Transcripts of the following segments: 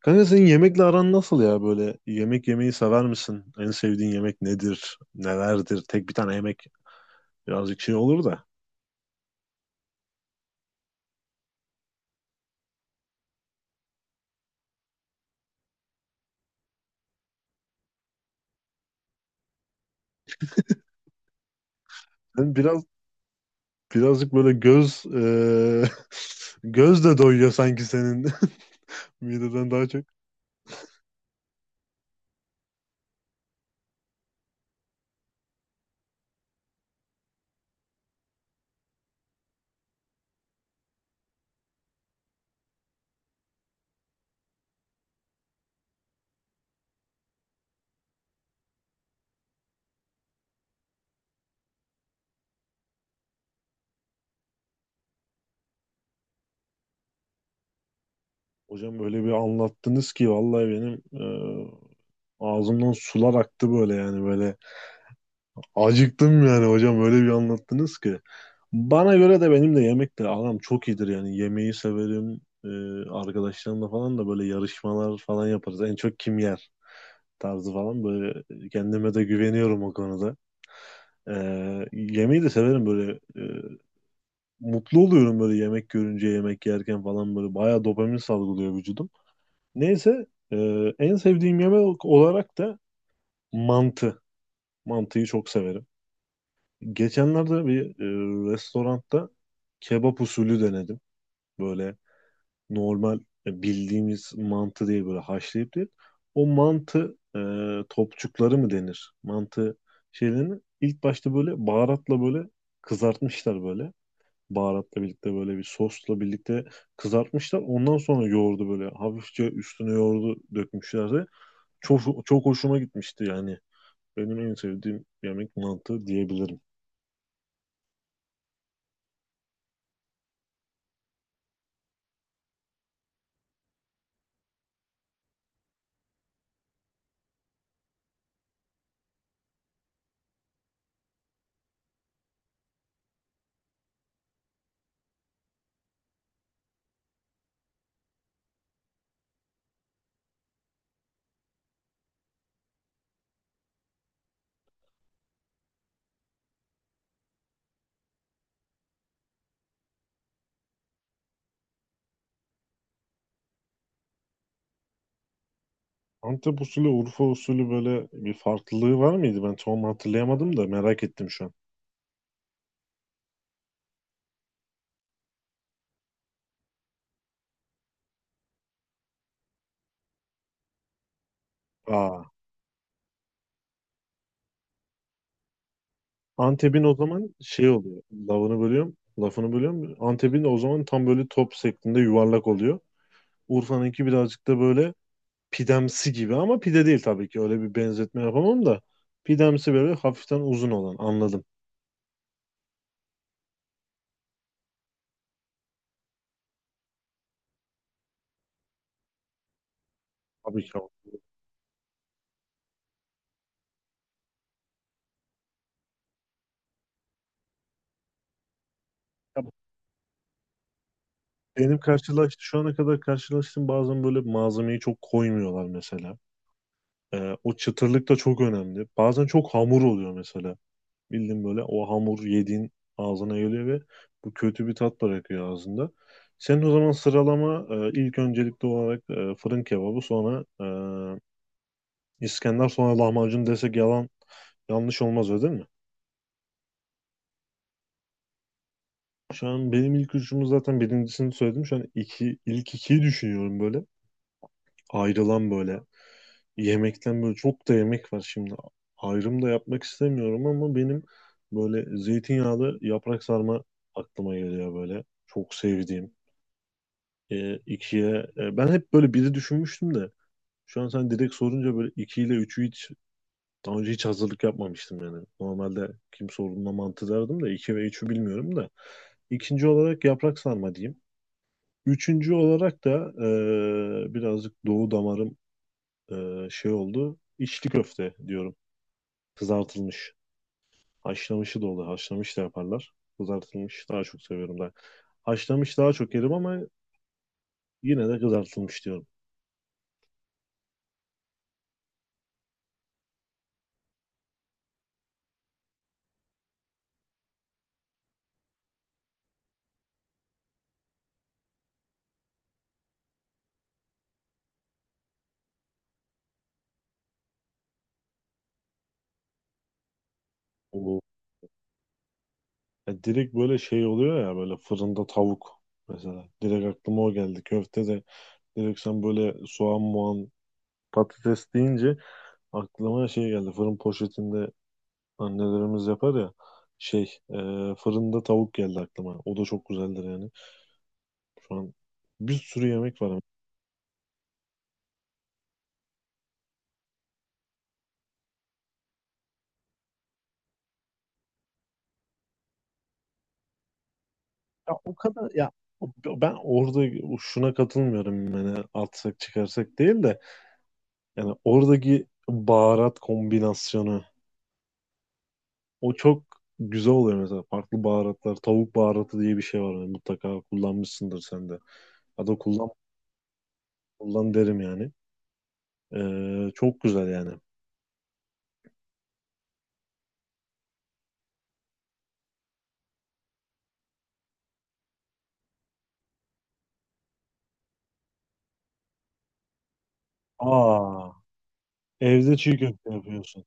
Kanka senin yemekle aran nasıl ya böyle? Yemek yemeyi sever misin? En sevdiğin yemek nedir? Nelerdir? Tek bir tane yemek birazcık şey olur da. Sen biraz birazcık böyle göz göz de doyuyor sanki senin mideden daha çok. Hocam böyle bir anlattınız ki vallahi benim ağzımdan sular aktı böyle yani böyle acıktım yani hocam öyle bir anlattınız ki. Bana göre de benim de yemekle aram çok iyidir yani yemeği severim. Arkadaşlarımla falan da böyle yarışmalar falan yaparız. En çok kim yer tarzı falan böyle kendime de güveniyorum o konuda. E, Yemeği de severim böyle mutlu oluyorum böyle yemek görünce yemek yerken falan böyle bayağı dopamin salgılıyor vücudum. Neyse e, en sevdiğim yemek olarak da mantı. Mantıyı çok severim. Geçenlerde bir restoranda kebap usulü denedim. Böyle normal bildiğimiz mantı değil böyle haşlayıp değil. O mantı topçukları mı denir? Mantı şeylerini ilk başta böyle baharatla böyle kızartmışlar böyle. Baharatla birlikte böyle bir sosla birlikte kızartmışlar. Ondan sonra yoğurdu böyle hafifçe üstüne yoğurdu dökmüşlerdi. Çok çok hoşuma gitmişti yani. Benim en sevdiğim yemek mantı diyebilirim. Antep usulü, Urfa usulü böyle bir farklılığı var mıydı? Ben tam hatırlayamadım da merak ettim şu an. Aa, Antep'in o zaman şey oluyor. Lafını bölüyorum. Antep'in o zaman tam böyle top şeklinde yuvarlak oluyor. Urfa'nınki birazcık da böyle pidemsi gibi ama pide değil tabii ki. Öyle bir benzetme yapamam da. Pidemsi böyle hafiften uzun olan anladım. Tabii ki. Benim karşılaştığım, şu ana kadar karşılaştığım bazen böyle malzemeyi çok koymuyorlar mesela. O çıtırlık da çok önemli. Bazen çok hamur oluyor mesela. Bildiğin böyle o hamur yediğin ağzına geliyor ve bu kötü bir tat bırakıyor ağzında. Senin o zaman sıralama ilk öncelikli olarak fırın kebabı sonra İskender sonra lahmacun desek yalan yanlış olmaz öyle değil mi? Şu an benim ilk üçümü zaten birincisini söyledim. Şu an iki, ilk ikiyi düşünüyorum böyle. Ayrılan böyle yemekten böyle çok da yemek var şimdi. Ayrım da yapmak istemiyorum ama benim böyle zeytinyağlı yaprak sarma aklıma geliyor böyle. Çok sevdiğim. İkiye ben hep böyle biri düşünmüştüm de şu an sen direkt sorunca böyle iki ile üçü hiç daha önce hiç hazırlık yapmamıştım yani. Normalde kim sorduğunda mantı derdim de iki ve üçü bilmiyorum da. İkinci olarak yaprak sarma diyeyim. Üçüncü olarak da birazcık doğu damarım şey oldu. İçli köfte diyorum. Kızartılmış. Haşlamışı da olur. Haşlamış da yaparlar. Kızartılmış daha çok seviyorum ben. Haşlamış daha çok yerim ama yine de kızartılmış diyorum. Bu ya direkt böyle şey oluyor ya böyle fırında tavuk mesela. Direkt aklıma o geldi. Köfte de direkt sen böyle soğan muan patates deyince aklıma şey geldi. Fırın poşetinde annelerimiz yapar ya şey e, fırında tavuk geldi aklıma. O da çok güzeldir yani. Şu an bir sürü yemek var. Ya o kadar ya ben orada şuna katılmıyorum yani atsak çıkarsak değil de yani oradaki baharat kombinasyonu o çok güzel oluyor mesela farklı baharatlar tavuk baharatı diye bir şey var yani mutlaka kullanmışsındır sen de ya da kullan derim yani. Çok güzel yani. Aa, evde çiğ köfte yapıyorsun.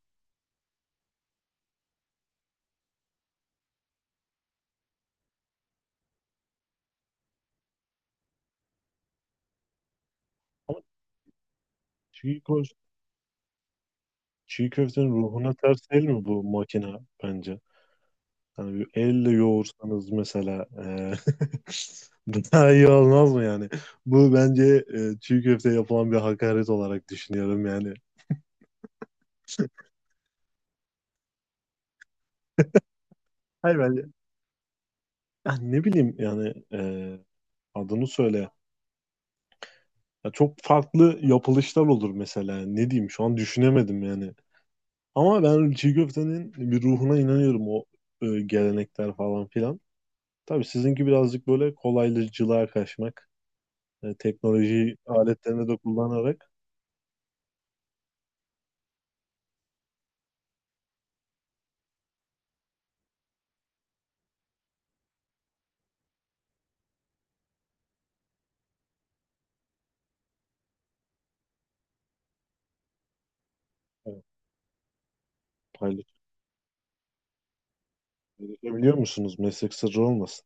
Ama çiğ, ko- çiğ köftenin ruhuna ters değil mi bu makine bence? Hani bir elle yoğursanız mesela bu daha iyi olmaz mı yani? Bu bence çiğ köfte yapılan bir hakaret olarak düşünüyorum yani. Hayır bence ya ne bileyim yani adını söyle. Ya çok farklı yapılışlar olur mesela. Ne diyeyim şu an düşünemedim yani. Ama ben çiğ köftenin bir ruhuna inanıyorum o gelenekler falan filan. Tabii sizinki birazcık böyle kolaylıcılığa kaçmak. Yani teknoloji aletlerini de kullanarak. Evet, paylaşabiliyor musunuz? Meslek sırrı olmasın.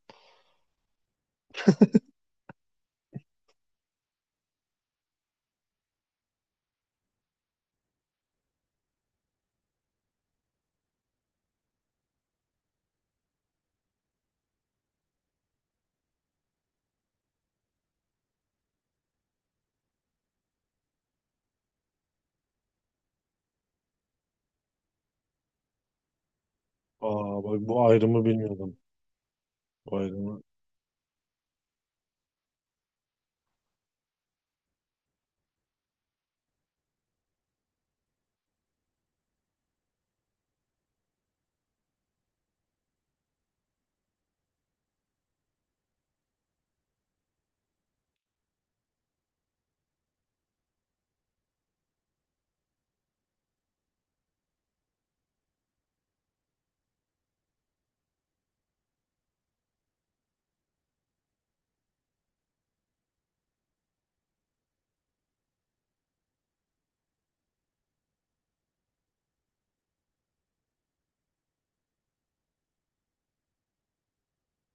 Aa bak bu ayrımı bilmiyordum. Bu ayrımı.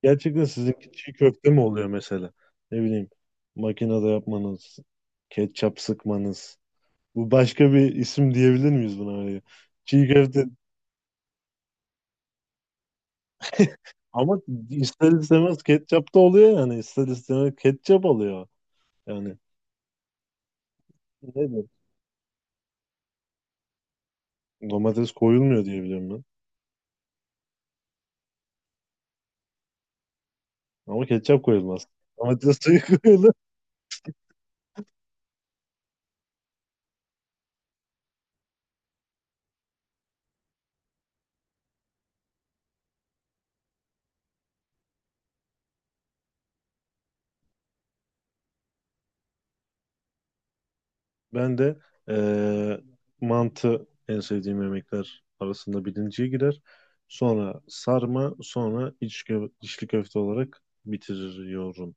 Gerçekten sizinki çiğ köfte mi oluyor mesela? Ne bileyim makinede yapmanız, ketçap sıkmanız. Bu başka bir isim diyebilir miyiz buna? Hani çiğ köfte ama ister istemez ketçap da oluyor yani. İster istemez ketçap alıyor. Yani nedir? Domates koyulmuyor diye biliyorum ben. Ama ketçap koyulmaz. Domates suyu koyulur. Ben de eee, mantı en sevdiğim yemekler arasında birinciye girer. Sonra sarma, sonra içli köfte olarak bitiriyorum.